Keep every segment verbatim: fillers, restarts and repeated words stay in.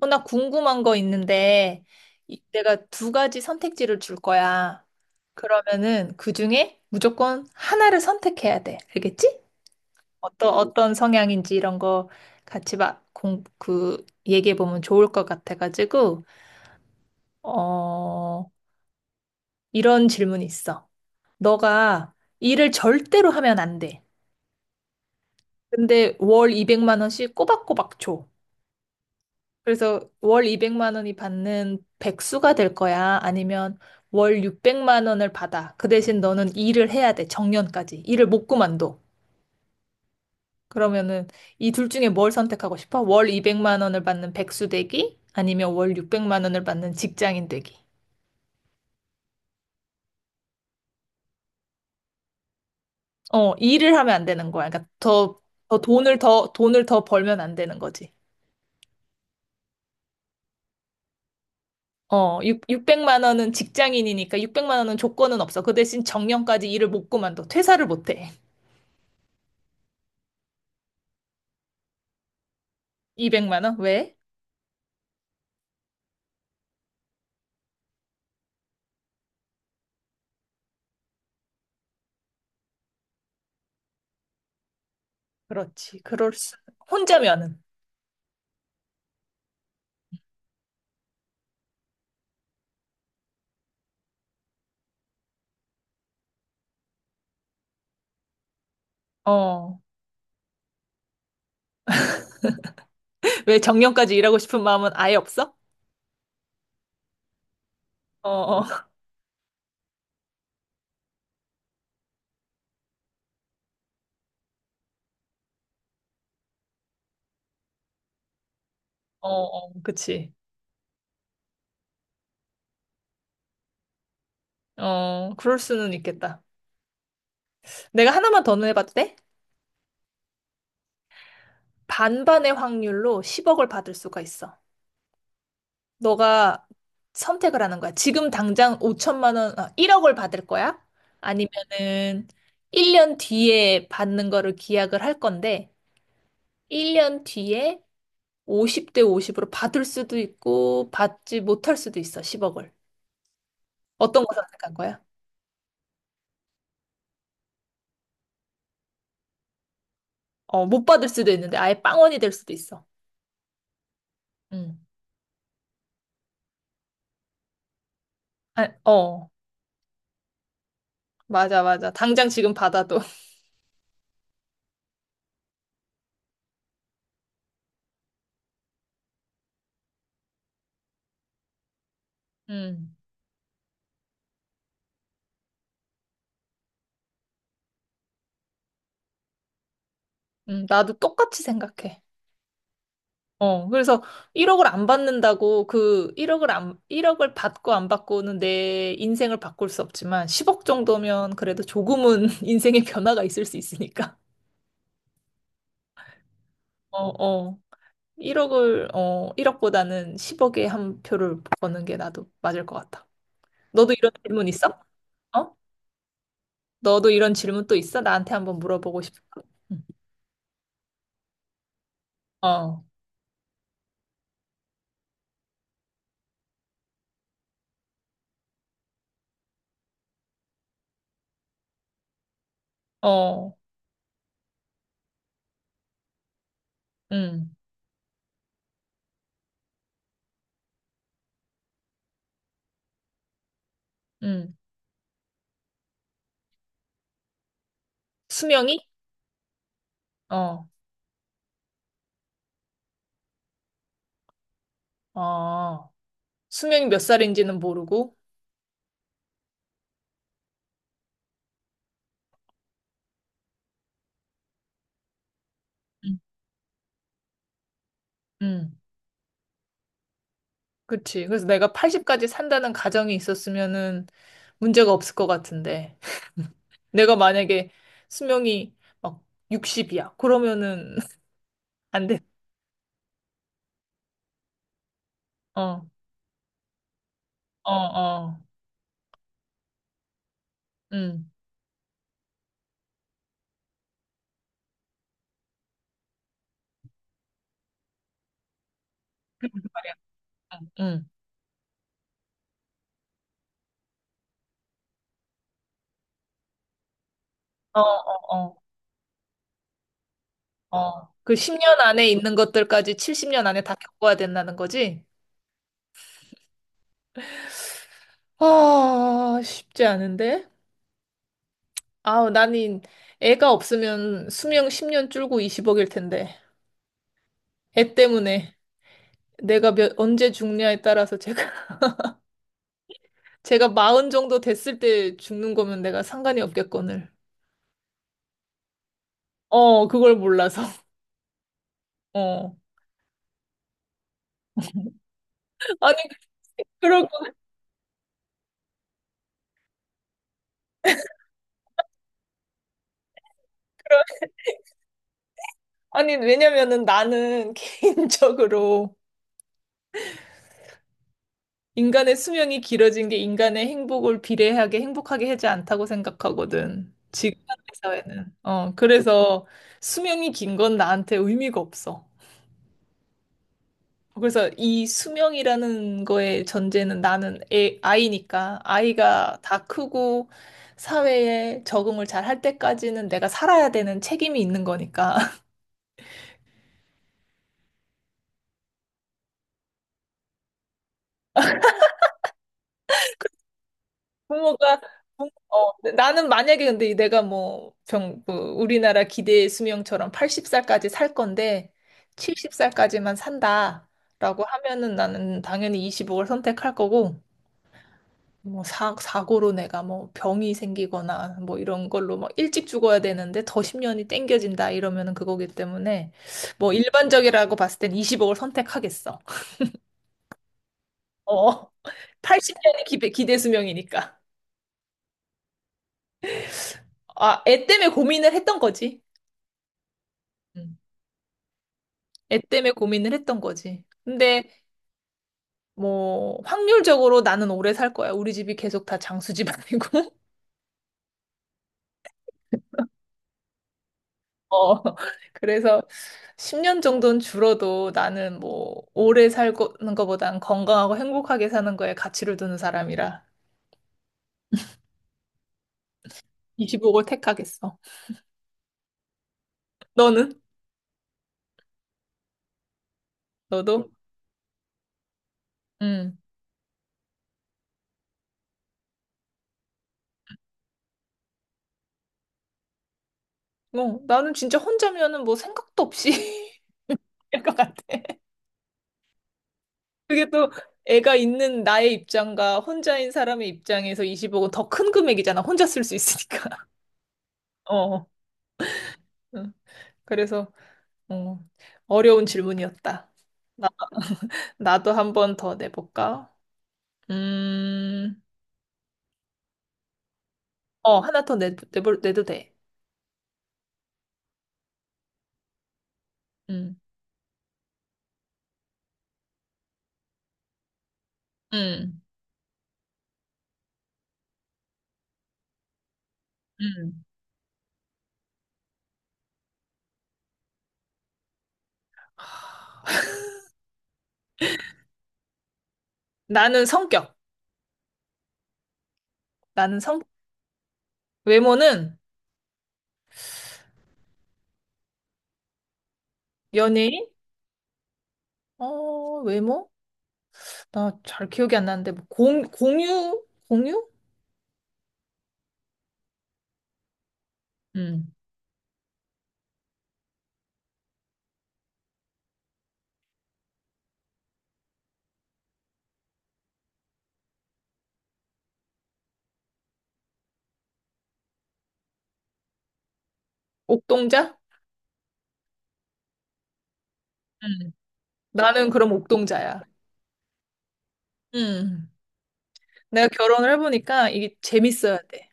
어, 나 궁금한 거 있는데, 이- 내가 두 가지 선택지를 줄 거야. 그러면은 그 중에 무조건 하나를 선택해야 돼. 알겠지? 어떤, 어떤 성향인지 이런 거 같이 막 공, 그, 얘기해 보면 좋을 것 같아가지고, 어, 이런 질문이 있어. 너가 일을 절대로 하면 안 돼. 근데 월 이백만 원씩 꼬박꼬박 줘. 그래서 월 이백만 원이 받는 백수가 될 거야? 아니면 월 육백만 원을 받아. 그 대신 너는 일을 해야 돼. 정년까지. 일을 못 그만둬. 그러면은 이 둘 중에 뭘 선택하고 싶어? 월 이백만 원을 받는 백수 되기? 아니면 월 육백만 원을 받는 직장인 되기? 어, 일을 하면 안 되는 거야. 그러니까 더, 더 돈을 더, 돈을 더 벌면 안 되는 거지. 어, 육 육백만 원은 직장인이니까 육백만 원은 조건은 없어. 그 대신 정년까지 일을 못 그만둬. 퇴사를 못 해. 이백만 원? 왜? 그렇지. 그럴 수. 혼자면은. 어. 왜 정년까지 일하고 싶은 마음은 아예 없어? 어, 어, 어, 어, 그치. 어, 그럴 수는 있겠다. 내가 하나만 더 해봐도 돼? 반반의 확률로 십억을 받을 수가 있어. 너가 선택을 하는 거야. 지금 당장 오천만 원, 아, 일억을 받을 거야? 아니면은 일 년 뒤에 받는 거를 기약을 할 건데, 일 년 뒤에 오십 대 오십으로 받을 수도 있고, 받지 못할 수도 있어, 십억을. 어떤 거 선택한 거야? 어, 못 받을 수도 있는데 아예 빵원이 될 수도 있어. 응, 아, 어, 맞아, 맞아. 당장 지금 받아도. 응, 음, 나도 똑같이 생각해. 어, 그래서 일억을 안 받는다고 그 일억을 안, 일억을 받고 안 받고는 내 인생을 바꿀 수 없지만 십억 정도면 그래도 조금은 인생의 변화가 있을 수 있으니까. 어, 어. 일억을, 어, 일억보다는 십억에 한 표를 버는 게 나도 맞을 것 같아. 너도 이런 질문 있어? 어? 너도 이런 질문 또 있어? 나한테 한번 물어보고 싶어. 응. 어, 어, 응, 응. 수명이? 어, 어. 수명이 몇 살인지는 모르고. 응, 응. 그치. 그래서 내가 팔십까지 산다는 가정이 있었으면은 문제가 없을 것 같은데. 내가 만약에 수명이 막 육십이야. 그러면은 안 돼. 어, 어, 어. 응. 말이야. 응. 어, 어, 어. 어, 그 십 년 안에 있는 것들까지 칠십 년 안에 다 겪어야 된다는 거지? 아, 쉽지 않은데? 아우, 나는 애가 없으면 수명 십 년 줄고 이십억일 텐데. 애 때문에 내가 몇, 언제 죽냐에 따라서 제가, 제가 마흔 정도 됐을 때 죽는 거면 내가 상관이 없겠거늘. 어, 그걸 몰라서. 어. 아니, 그러고, 아니, 왜냐면은 나는 개인적으로 인간의 수명이 길어진 게 인간의 행복을 비례하게 행복하게 하지 않다고 생각하거든. 지금 현대 사회는. 어, 그래서 수명이 긴 건 나한테 의미가 없어. 그래서 이 수명이라는 거의 전제는 나는 애, 아이니까 아이가 다 크고 사회에 적응을 잘 할 때까지는 내가 살아야 되는 책임이 있는 거니까. 부모가 부- 어, 네, 나는 만약에 근데 내가 뭐 병, 그 우리나라 기대 수명처럼 여든 살까지 살 건데 일흔 살까지만 산다라고 하면은 나는 당연히 이억를 선택할 거고 뭐 사, 사고로 내가 뭐 병이 생기거나 뭐 이런 걸로 막 일찍 죽어야 되는데 더 십 년이 땡겨진다 이러면은 그거기 때문에 뭐 일반적이라고 봤을 땐이억를 선택하겠어. 어. 팔십 년이 기대 수명이니까. 아, 애 때문에 고민을 했던 거지. 음. 애 때문에 고민을 했던 거지. 근데 뭐 확률적으로 나는 오래 살 거야. 우리 집이 계속 다 장수 집안이고. 어. 그래서 십 년 정도는 줄어도 나는 뭐 오래 살는 거보단 건강하고 행복하게 사는 거에 가치를 두는 사람이라 이십오억을 택하겠어. 너는? 너도? 응. 뭐 나는 진짜 혼자면은 뭐 생각도 없이 할 것 같아. 그게 또 애가 있는 나의 입장과 혼자인 사람의 입장에서 이십억은 더 큰 금액이잖아. 혼자 쓸 수 있으니까. 어. 응. 그래서 어, 어려운 질문이었다. 나, 나도 한 번 더 내볼까? 음, 어, 하나 더 내, 내볼, 내도 돼. 음, 음, 음. 나는 성격. 나는 성, 외모는 연예인? 어, 외모? 나 잘 기억이 안 나는데, 뭐 공, 공유? 공유? 음. 옥동자? 음. 나는 그럼 옥동자야. 음. 내가 결혼을 해보니까 이게 재밌어야 돼.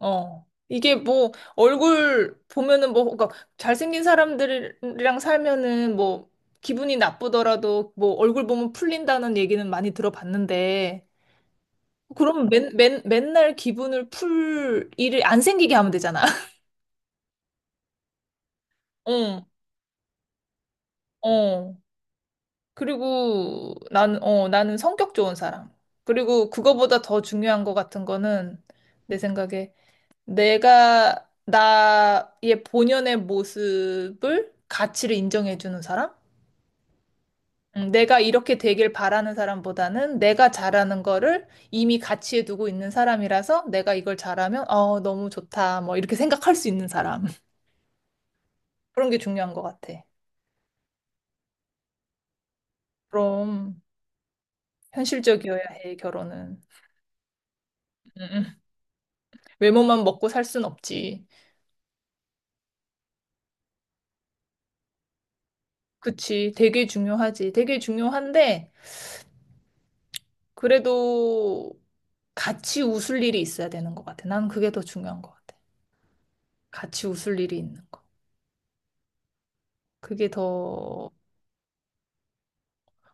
어. 이게 뭐 얼굴 보면은 뭐 그러니까 잘생긴 사람들이랑 살면은 뭐 기분이 나쁘더라도 뭐 얼굴 보면 풀린다는 얘기는 많이 들어봤는데 그럼 맨, 맨, 맨날 기분을 풀 일을 안 생기게 하면 되잖아. 어, 어. 그리고 나는, 어, 나는 성격 좋은 사람. 그리고 그거보다 더 중요한 것 같은 거는 내 생각에 내가 나의 본연의 모습을 가치를 인정해주는 사람? 음, 내가 이렇게 되길 바라는 사람보다는 내가 잘하는 거를 이미 가치에 두고 있는 사람이라서 내가 이걸 잘하면 어, 너무 좋다. 뭐 이렇게 생각할 수 있는 사람. 그런 게 중요한 것 같아. 그럼 현실적이어야 해, 결혼은. 음, 음. 외모만 먹고 살 순 없지. 그치. 되게 중요하지. 되게 중요한데 그래도 같이 웃을 일이 있어야 되는 것 같아. 난 그게 더 중요한 것 같아. 같이 웃을 일이 있는 거. 그게 더,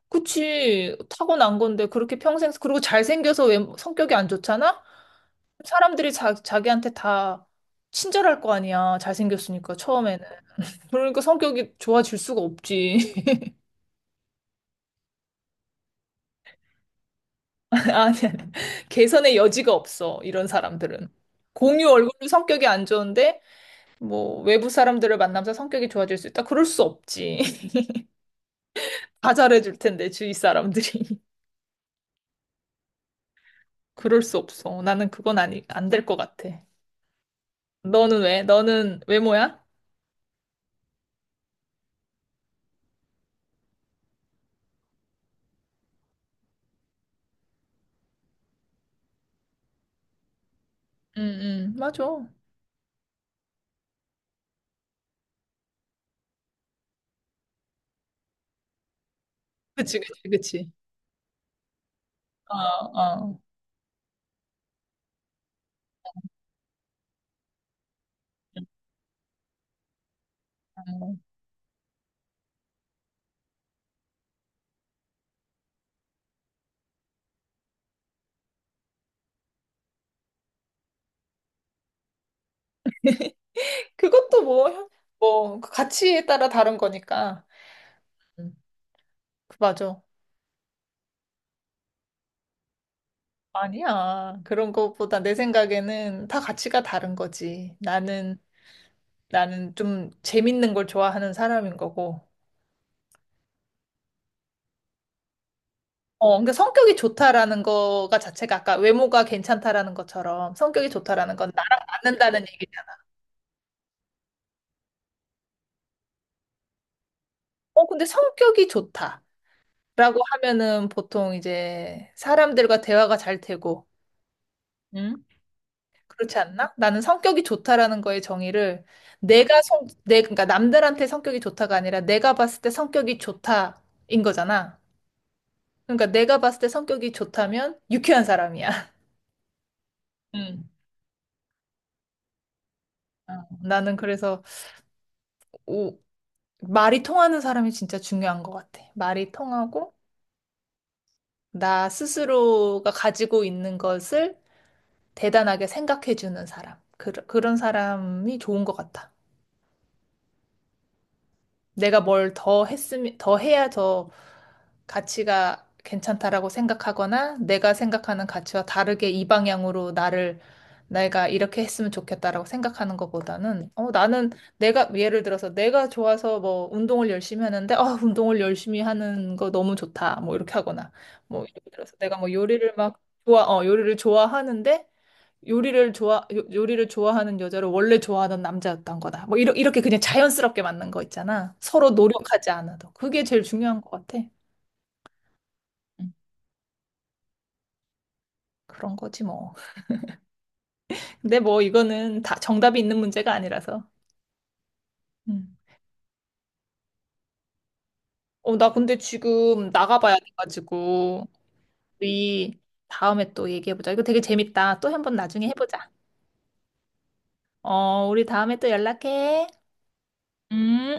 그치. 타고난 건데, 그렇게 평생, 그리고 잘생겨서 왜 성격이 안 좋잖아? 사람들이 자, 자기한테 다 친절할 거 아니야. 잘생겼으니까, 처음에는. 그러니까 성격이 좋아질 수가 없지. 아니, 아니. 개선의 여지가 없어. 이런 사람들은. 공유 얼굴로 성격이 안 좋은데, 뭐, 외부 사람들을 만나면서 성격이 좋아질 수 있다? 그럴 수 없지. 다 잘해줄 텐데, 주위 사람들이. 그럴 수 없어. 나는 그건 아니, 안 될 것 같아. 너는 왜? 너는 외모야? 응, 응, 맞아. 그치, 그치, 그치. 어, 어. 음. 그것도 뭐, 형- 뭐, 그 가치에 따라 다른 거니까. 음, 그 맞아. 아니야. 그런 것보다 내 생각에는 다 가치가 다른 거지. 나는, 나는 좀 재밌는 걸 좋아하는 사람인 거고. 어, 그러니까 성격이 좋다라는 거가 자체가 아까 외모가 괜찮다라는 것처럼 성격이 좋다라는 건 나랑 맞는다는 얘기잖아. 어, 근데 성격이 좋다라고 하면은 보통 이제 사람들과 대화가 잘 되고, 응? 그렇지 않나? 나는 성격이 좋다라는 거의 정의를 내가 성, 내, 그러니까 남들한테 성격이 좋다가 아니라 내가 봤을 때 성격이 좋다인 거잖아. 그러니까 내가 봤을 때 성격이 좋다면 유쾌한 사람이야. 응. 어, 나는 그래서 오 말이 통하는 사람이 진짜 중요한 것 같아. 말이 통하고, 나 스스로가 가지고 있는 것을 대단하게 생각해주는 사람. 그, 그런 사람이 좋은 것 같아. 내가 뭘 더 했으면, 더 해야 더 가치가 괜찮다라고 생각하거나 내가 생각하는 가치와 다르게 이 방향으로 나를 내가 이렇게 했으면 좋겠다라고 생각하는 것보다는 어 나는 내가 예를 들어서 내가 좋아서 뭐 운동을 열심히 하는데 아 운동을 열심히 하는 거 너무 좋다 뭐 이렇게 하거나 뭐 예를 들어서 내가 뭐 요리를 막 좋아 어 요리를 좋아하는데 요리를 좋아, 요- 요리를 좋아하는 여자를 원래 좋아하던 남자였던 거다. 뭐, 이러, 이렇게 그냥 자연스럽게 맞는 거 있잖아. 서로 노력하지 않아도. 그게 제일 중요한 것 같아. 음, 그런 거지, 뭐. 근데 뭐, 이거는 다 정답이 있는 문제가 아니라서. 음. 어, 나 근데 지금 나가봐야 돼가지고, 우리 다음에 또 얘기해보자. 이거 되게 재밌다. 또 한번 나중에 해보자. 어, 우리 다음에 또 연락해. 음.